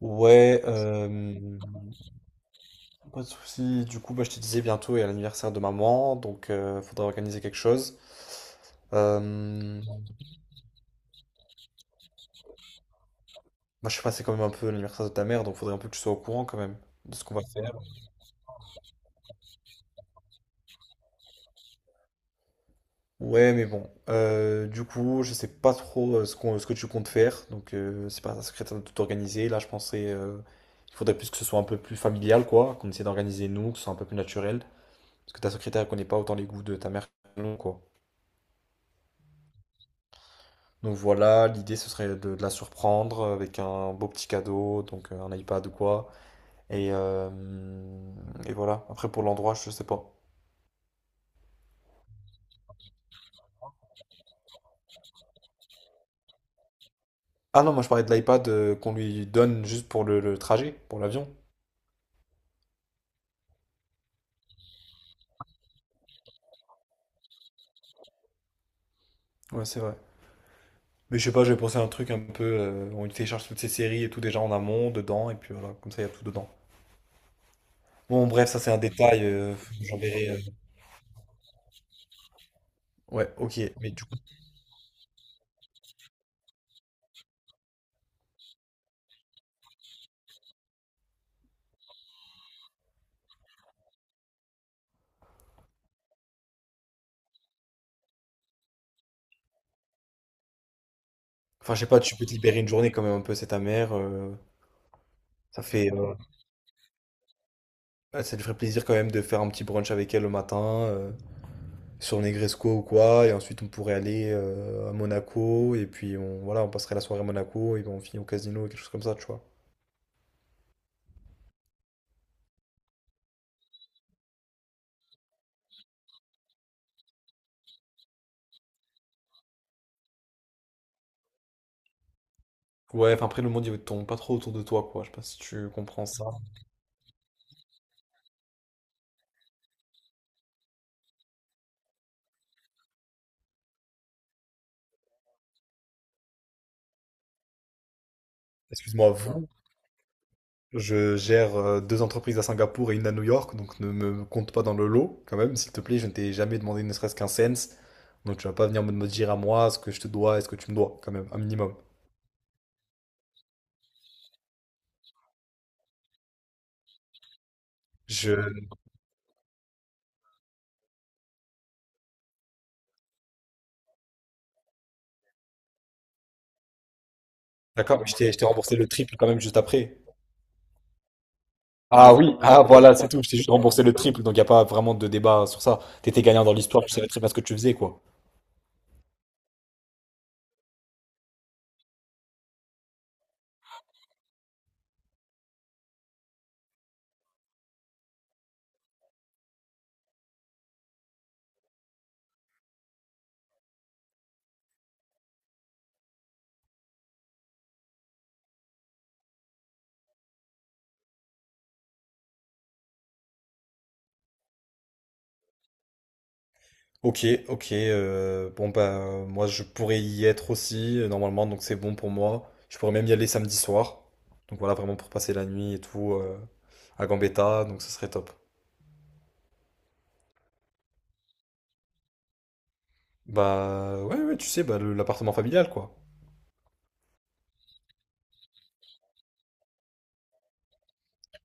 Ouais, euh, Pas de souci. Du coup, je te disais bientôt, il y a l'anniversaire de maman, donc faudra organiser quelque chose. Euh, je sais pas, c'est quand même un peu l'anniversaire de ta mère, donc faudrait un peu que tu sois au courant quand même de ce qu'on va faire. Ouais, mais bon. Du coup, je sais pas trop ce qu'on, ce que tu comptes faire, donc c'est pas secrétaire de tout organiser. Là, je pensais, il faudrait plus que ce soit un peu plus familial, quoi, qu'on essaie d'organiser nous, que ce soit un peu plus naturel, parce que ta secrétaire connaît pas autant les goûts de ta mère, que nous, quoi. Donc voilà, l'idée ce serait de la surprendre avec un beau petit cadeau, donc un iPad ou quoi. Et, euh, et voilà, après pour l'endroit, je sais pas. Ah non, moi je parlais de l'iPad qu'on lui donne juste pour le trajet, pour l'avion. Ouais, c'est vrai. Mais je sais pas, j'ai pensé à un truc un peu, on lui télécharge toutes ses séries et tout déjà en amont, dedans, et puis voilà, comme ça il y a tout dedans. Bon, bref, ça c'est un détail, j'enverrai. Ouais, ok, mais du coup, enfin je sais pas, tu peux te libérer une journée quand même un peu, c'est ta mère, ça fait... Ah, ça lui ferait plaisir quand même de faire un petit brunch avec elle le matin, euh, sur Negresco ou quoi, et ensuite on pourrait aller à Monaco, et puis on, voilà, on passerait la soirée à Monaco, et ben on finit au casino, quelque chose comme ça, tu vois. Ouais, enfin après le monde il tourne pas trop autour de toi, quoi, je sais pas si tu comprends ça. Excuse-moi, vous, je gère deux entreprises à Singapour et une à New York, donc ne me compte pas dans le lot, quand même, s'il te plaît, je ne t'ai jamais demandé ne serait-ce qu'un cent, donc tu vas pas venir me dire à moi ce que je te dois et ce que tu me dois, quand même, un minimum. Je... D'accord, mais je t'ai remboursé le triple quand même juste après. Ah oui, ah voilà, c'est tout. Je t'ai juste remboursé le triple, donc il n'y a pas vraiment de débat sur ça. T'étais gagnant dans l'histoire, tu savais très bien ce que tu faisais, quoi. Ok, ok. Bon bah moi je pourrais y être aussi normalement, donc c'est bon pour moi. Je pourrais même y aller samedi soir. Donc voilà, vraiment pour passer la nuit et tout à Gambetta, donc ce serait top. Bah ouais, ouais, tu sais, bah, l'appartement familial quoi.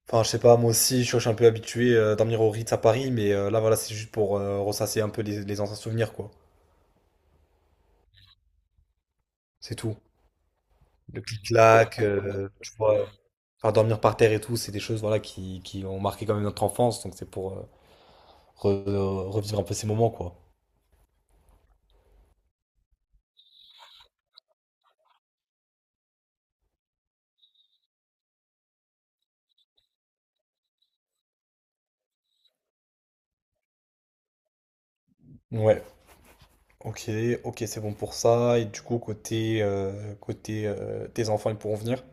Enfin, je sais pas, moi aussi, je suis un peu habitué à dormir au Ritz à Paris, mais là voilà, c'est juste pour ressasser un peu les anciens souvenirs quoi. C'est tout. Le clic-clac, tu vois, faire dormir par terre et tout, c'est des choses voilà, qui ont marqué quand même notre enfance, donc c'est pour revivre un peu ces moments, quoi. Ouais, ok, ok, c'est bon pour ça. Et du coup, côté, côté tes enfants, ils pourront venir?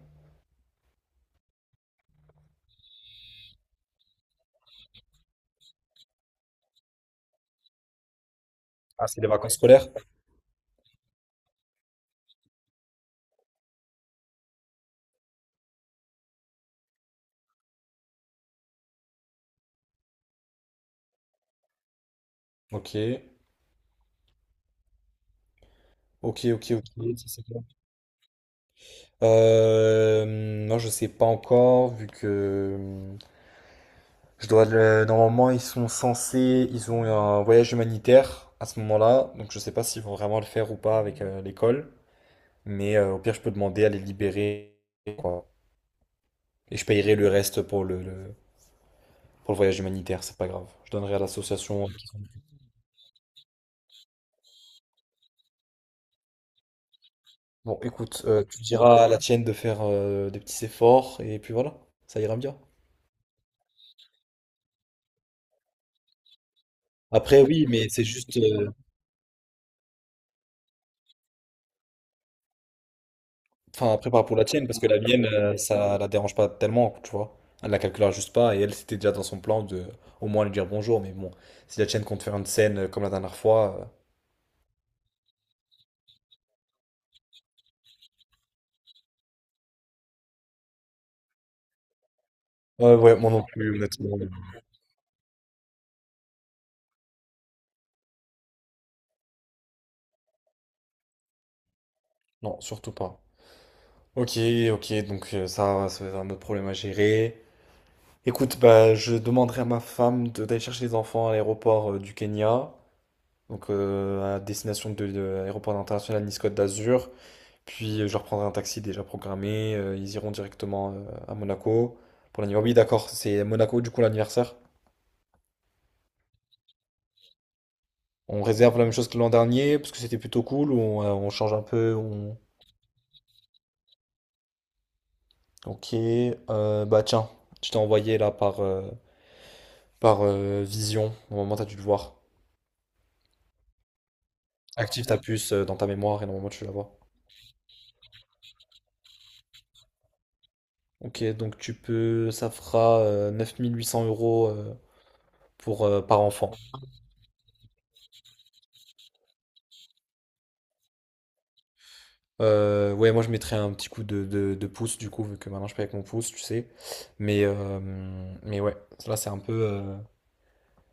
Ah, c'est les vacances scolaires? Ok, ok, ok, ok, ça, c'est bon. Euh, non, je sais pas encore, vu que... Je dois le... Normalement, ils sont censés, ils ont un voyage humanitaire à ce moment-là, donc je sais pas s'ils vont vraiment le faire ou pas avec l'école, mais au pire, je peux demander à les libérer, quoi. Et je payerai le reste pour le, pour le voyage humanitaire, c'est pas grave. Je donnerai à l'association. Bon, écoute, tu diras à la tienne de faire des petits efforts, et puis voilà, ça ira bien. Après, oui, mais c'est juste, enfin, prépare pour la tienne, parce que la mienne, ça la dérange pas tellement, tu vois. Elle la calculera juste pas, et elle, c'était déjà dans son plan de au moins lui dire bonjour, mais bon, si la tienne compte faire une scène comme la dernière fois. Ouais, ouais, moi non plus, honnêtement. Non, surtout pas. Ok, ok, donc ça, ça va être un autre problème à gérer. Écoute, bah, je demanderai à ma femme d'aller chercher les enfants à l'aéroport du Kenya, donc à destination de l'aéroport international Nice Côte d'Azur. Puis je leur prendrai un taxi déjà programmé. Ils iront directement à Monaco pour l'anniversaire. Oui, d'accord, c'est Monaco du coup l'anniversaire. On réserve la même chose que l'an dernier parce que c'était plutôt cool. Ou on, on change un peu. On... Ok. Bah tiens, je t'ai envoyé là par, Vision. Normalement, t'as dû le voir. Active ta puce dans ta mémoire et normalement tu la vois. Ok, donc tu peux. Ça fera 9800 € pour, par enfant. Ouais, moi je mettrais un petit coup de pouce du coup, vu que maintenant je paye avec mon pouce, tu sais. Mais, euh, mais ouais, là c'est un peu.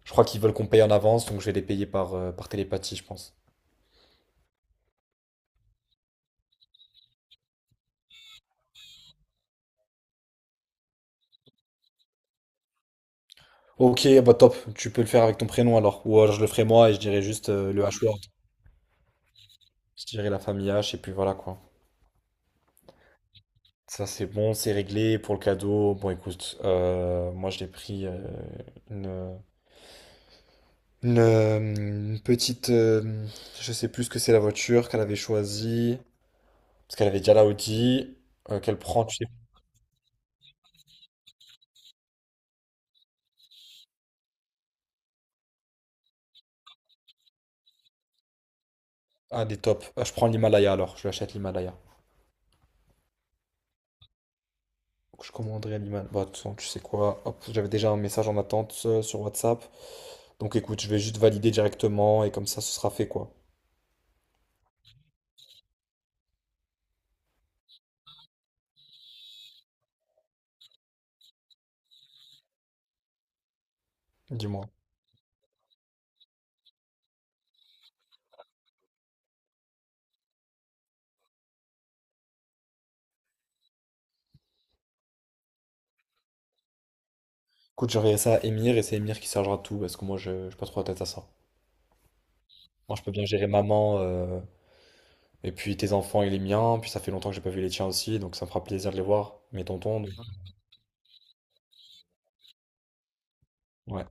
Je crois qu'ils veulent qu'on paye en avance, donc je vais les payer par, par télépathie, je pense. Ok, bah top, tu peux le faire avec ton prénom alors. Ou alors je le ferai moi et je dirai juste le H-word. Je dirai la famille H et puis voilà quoi. Ça c'est bon, c'est réglé pour le cadeau. Bon écoute, moi je l'ai pris une, une petite. Je sais plus ce que c'est la voiture qu'elle avait choisie. Parce qu'elle avait déjà la Audi, qu'elle prend, tu sais. Ah, des tops. Ah, je prends l'Himalaya alors, je lui achète l'Himalaya. Donc, je commanderai l'Himalaya. Bah, de toute façon, tu sais quoi, hop, j'avais déjà un message en attente sur WhatsApp. Donc écoute, je vais juste valider directement et comme ça, ce sera fait quoi. Dis-moi. Écoute, j'enverrai ça à Emir et c'est Emir qui chargera de tout parce que moi, je j'ai pas trop la tête à ça. Moi, je peux bien gérer maman et puis tes enfants et les miens. Puis ça fait longtemps que j'ai pas vu les tiens aussi, donc ça me fera plaisir de les voir, mes tontons. Donc- Ouais.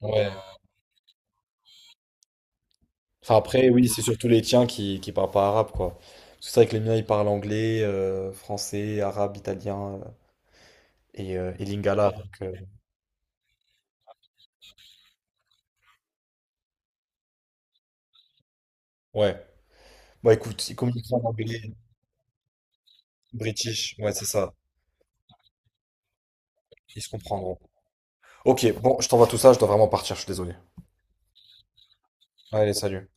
Ouais. Enfin, après, oui, c'est surtout les tiens qui parlent pas arabe, quoi. Parce que c'est vrai que les miens, ils parlent anglais, français, arabe, italien et lingala. Donc, ouais. Bon, écoute, ils communiquent en anglais, british, ouais, c'est ça. Ils se comprendront. Ok, bon, je t'envoie tout ça, je dois vraiment partir, je suis désolé. Allez, salut.